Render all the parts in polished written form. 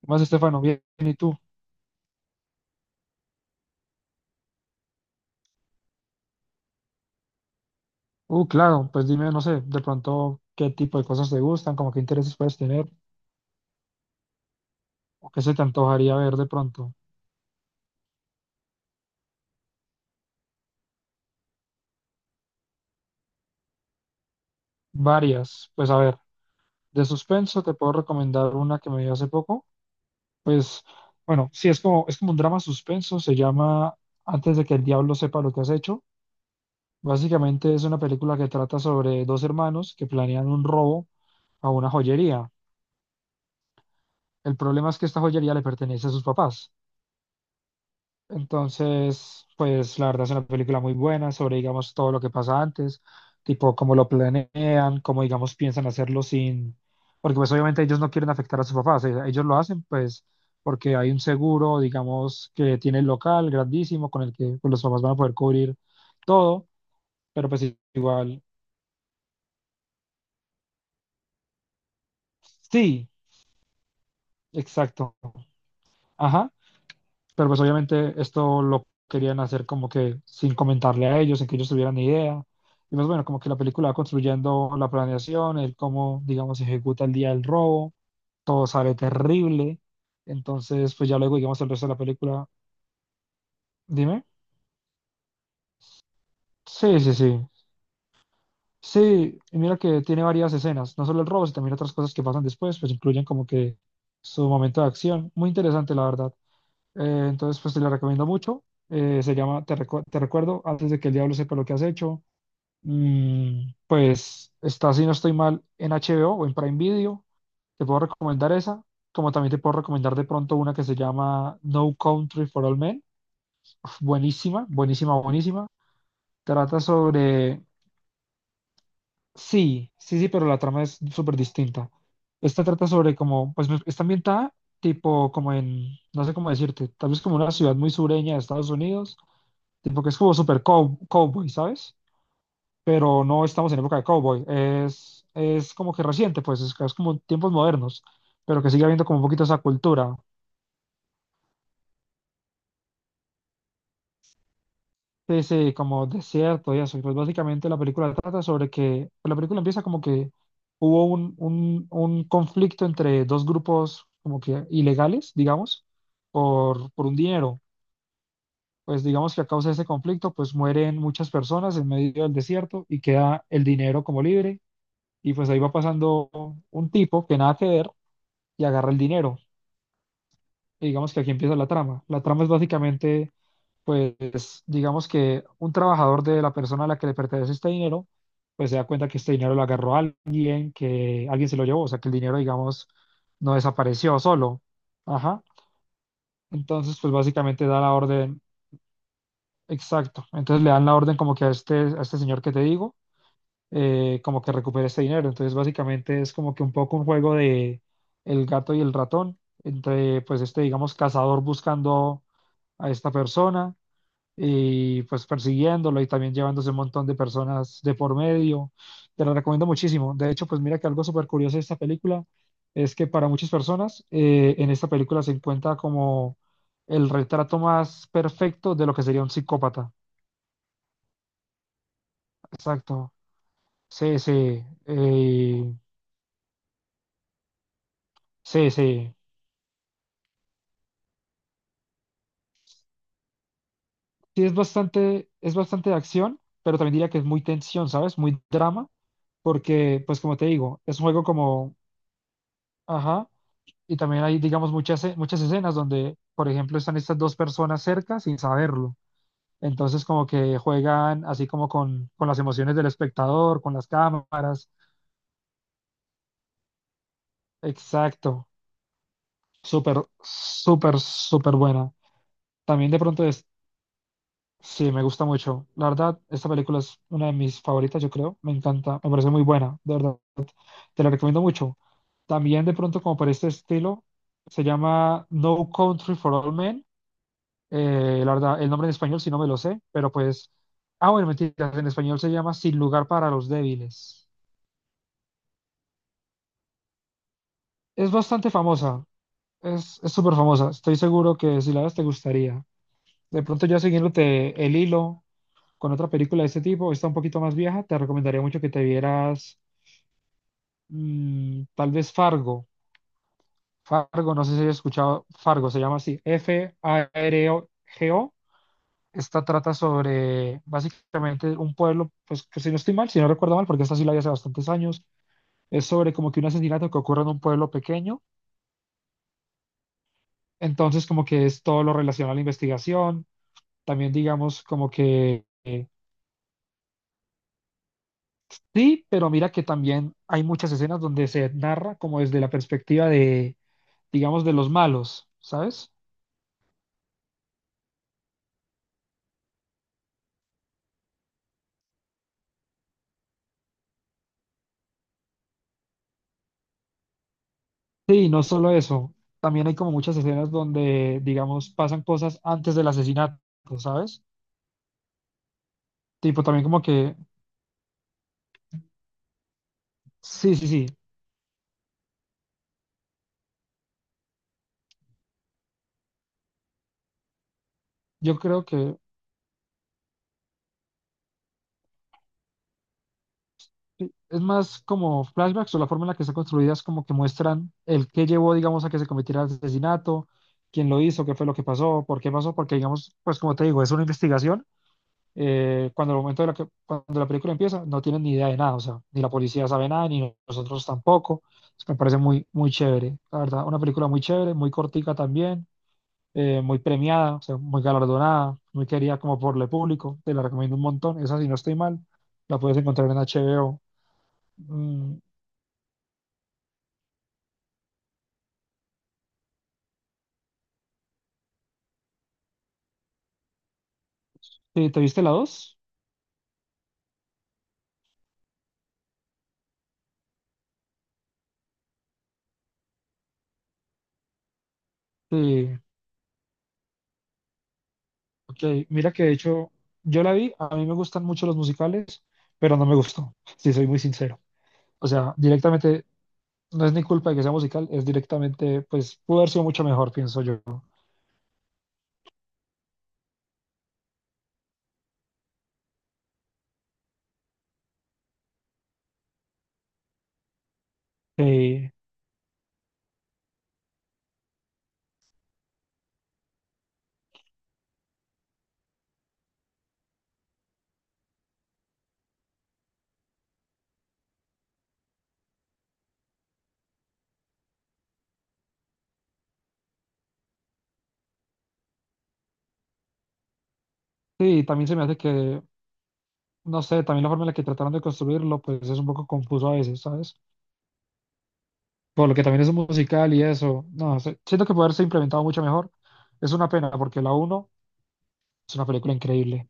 ¿Qué más, Estefano? Bien, ¿y tú? Claro, pues dime, no sé, de pronto qué tipo de cosas te gustan, como qué intereses puedes tener, o qué se te antojaría ver de pronto. Varias, pues a ver, de suspenso te puedo recomendar una que me vi hace poco, pues bueno, sí, es como un drama suspenso, se llama Antes de que el diablo sepa lo que has hecho. Básicamente es una película que trata sobre dos hermanos que planean un robo a una joyería. El problema es que esta joyería le pertenece a sus papás. Entonces, pues la verdad es una película muy buena sobre, digamos, todo lo que pasa antes, tipo cómo lo planean, cómo, digamos, piensan hacerlo sin, porque pues obviamente ellos no quieren afectar a sus papás, ellos lo hacen pues porque hay un seguro, digamos, que tiene el local grandísimo con el que pues, los papás van a poder cubrir todo, pero pues igual, sí, exacto. Ajá. Pero pues obviamente esto lo querían hacer como que sin comentarle a ellos, sin que ellos tuvieran ni idea. Y pues bueno, como que la película va construyendo la planeación, el cómo, digamos, se ejecuta el día del robo, todo sale terrible. Entonces, pues ya luego, digamos, el resto de la película, dime. Sí, sí, sí. Sí, y mira que tiene varias escenas, no solo el robo, sino también otras cosas que pasan después, pues incluyen como que su momento de acción. Muy interesante, la verdad. Entonces, pues te la recomiendo mucho. Se llama Te recuerdo, antes de que el diablo sepa lo que has hecho. Pues está, si no estoy mal, en HBO o en Prime Video. Te puedo recomendar esa, como también te puedo recomendar de pronto una que se llama No Country for All Men. Uf, buenísima, buenísima, buenísima. Trata sobre, sí, sí, sí, pero la trama es súper distinta. Esta trata sobre como, pues está ambientada tipo como en, no sé cómo decirte, tal vez como una ciudad muy sureña de Estados Unidos. Tipo que es como super cowboy, ¿sabes? Pero no estamos en época de cowboy. Es como que reciente, pues es como tiempos modernos, pero que sigue habiendo como un poquito esa cultura. Sí, sí, como desierto y eso. Y pues básicamente la película trata sobre que, pues, la película empieza como que hubo un conflicto entre dos grupos como que ilegales, digamos, por un dinero. Pues digamos que a causa de ese conflicto, pues mueren muchas personas en medio del desierto y queda el dinero como libre. Y pues ahí va pasando un tipo que nada que ver y agarra el dinero. Y digamos que aquí empieza la trama. La trama es básicamente, pues, digamos que un trabajador de la persona a la que le pertenece este dinero, pues se da cuenta que este dinero lo agarró alguien, que alguien se lo llevó, o sea, que el dinero, digamos, no desapareció solo. Ajá. Entonces, pues básicamente da la orden, exacto. Entonces le dan la orden como que a este señor que te digo, como que recupere este dinero. Entonces, básicamente es como que un poco un juego de el gato y el ratón, entre pues este, digamos, cazador buscando a esta persona y pues persiguiéndolo y también llevándose un montón de personas de por medio. Te la recomiendo muchísimo. De hecho, pues mira que algo súper curioso de esta película es que para muchas personas, en esta película se encuentra como el retrato más perfecto de lo que sería un psicópata. Exacto. Sí, sí. Sí, sí. Sí, es bastante de acción, pero también diría que es muy tensión, ¿sabes? Muy drama, porque, pues como te digo, es un juego como, ajá, y también hay, digamos, muchas escenas donde, por ejemplo, están estas dos personas cerca sin saberlo. Entonces, como que juegan así como con las emociones del espectador, con las cámaras. Exacto. Súper, súper, súper buena. También de pronto es, sí, me gusta mucho. La verdad, esta película es una de mis favoritas, yo creo. Me encanta, me parece muy buena, de verdad. Te la recomiendo mucho. También de pronto como por este estilo, se llama No Country for All Men. La verdad, el nombre en español sí no me lo sé, pero pues... Ah, bueno, mentira, en español se llama Sin lugar para los débiles. Es bastante famosa, es súper famosa. Estoy seguro que si la ves te gustaría. De pronto ya siguiéndote el hilo con otra película de este tipo, está un poquito más vieja, te recomendaría mucho que te vieras, tal vez Fargo. Fargo, no sé si has escuchado, Fargo se llama así, FAROGO. Esta trata sobre básicamente un pueblo, pues que si no estoy mal, si no recuerdo mal, porque esta sí la vi hace bastantes años, es sobre como que un asesinato que ocurre en un pueblo pequeño. Entonces como que es todo lo relacionado a la investigación, también digamos como que sí, pero mira que también hay muchas escenas donde se narra como desde la perspectiva de, digamos, de los malos, ¿sabes? Sí, no solo eso, también hay como muchas escenas donde, digamos, pasan cosas antes del asesinato, ¿sabes? Tipo, también como que, sí, sí, sí, yo creo que sí, es más como flashbacks o la forma en la que están construidas como que muestran el qué llevó, digamos, a que se cometiera el asesinato, quién lo hizo, qué fue lo que pasó, por qué pasó, porque, digamos, pues como te digo, es una investigación. Cuando el momento de la que, cuando la película empieza, no tienen ni idea de nada, o sea, ni la policía sabe nada, ni nosotros tampoco. Entonces, me parece muy, muy chévere, la verdad, una película muy chévere, muy cortica también, muy premiada, o sea, muy galardonada, muy querida como por el público, te la recomiendo un montón, esa si no estoy mal, la puedes encontrar en HBO. Mm, ¿te viste la dos? Sí, ok, mira que de hecho yo la vi, a mí me gustan mucho los musicales, pero no me gustó, si soy muy sincero. O sea, directamente, no es ni culpa de que sea musical, es directamente, pues, pudo haber sido mucho mejor, pienso yo. Eh, sí, también se me hace que, no sé, también la forma en la que trataron de construirlo, pues es un poco confuso a veces, ¿sabes? Por lo que también es un musical y eso, no sé, siento que puede haberse implementado mucho mejor. Es una pena, porque la uno es una película increíble.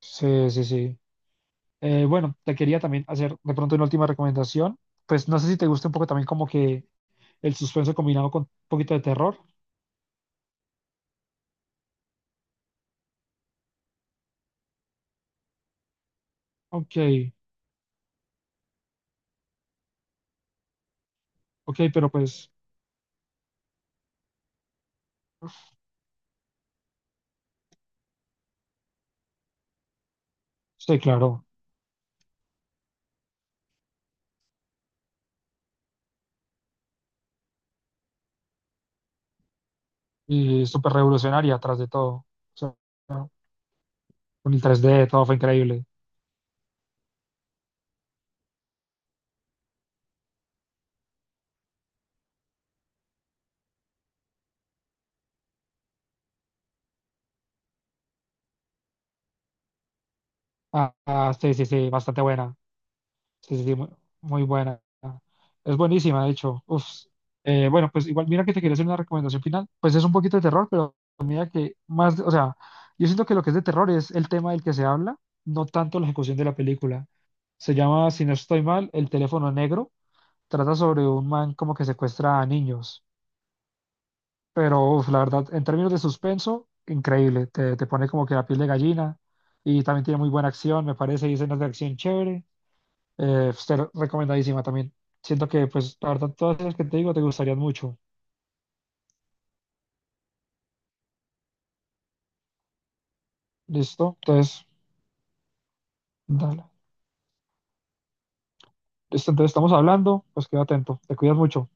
Sí, sí, sí. Bueno, te quería también hacer de pronto una última recomendación. Pues no sé si te gusta un poco también como que el suspenso combinado con un poquito de terror. Ok, ok, pero pues, sí, claro. Y súper revolucionaria tras de todo. O sea, ¿no? Con el 3D todo fue increíble. Ah, ah, sí, sí, sí, bastante buena. Sí, sí, sí, muy, muy buena. Es buenísima, de hecho. Uf. Bueno, pues igual, mira que te quería hacer una recomendación final. Pues es un poquito de terror, pero mira que más, o sea, yo siento que lo que es de terror es el tema del que se habla, no tanto la ejecución de la película. Se llama, si no estoy mal, El teléfono negro. Trata sobre un man como que secuestra a niños. Pero uf, la verdad, en términos de suspenso, increíble. Te pone como que la piel de gallina y también tiene muy buena acción, me parece, y escenas de acción chévere. Pues, te recomendadísima también. Siento que, pues, la verdad, todas las que te digo te gustarían mucho. ¿Listo? Entonces, dale. Listo, entonces estamos hablando, pues queda atento. Te cuidas mucho.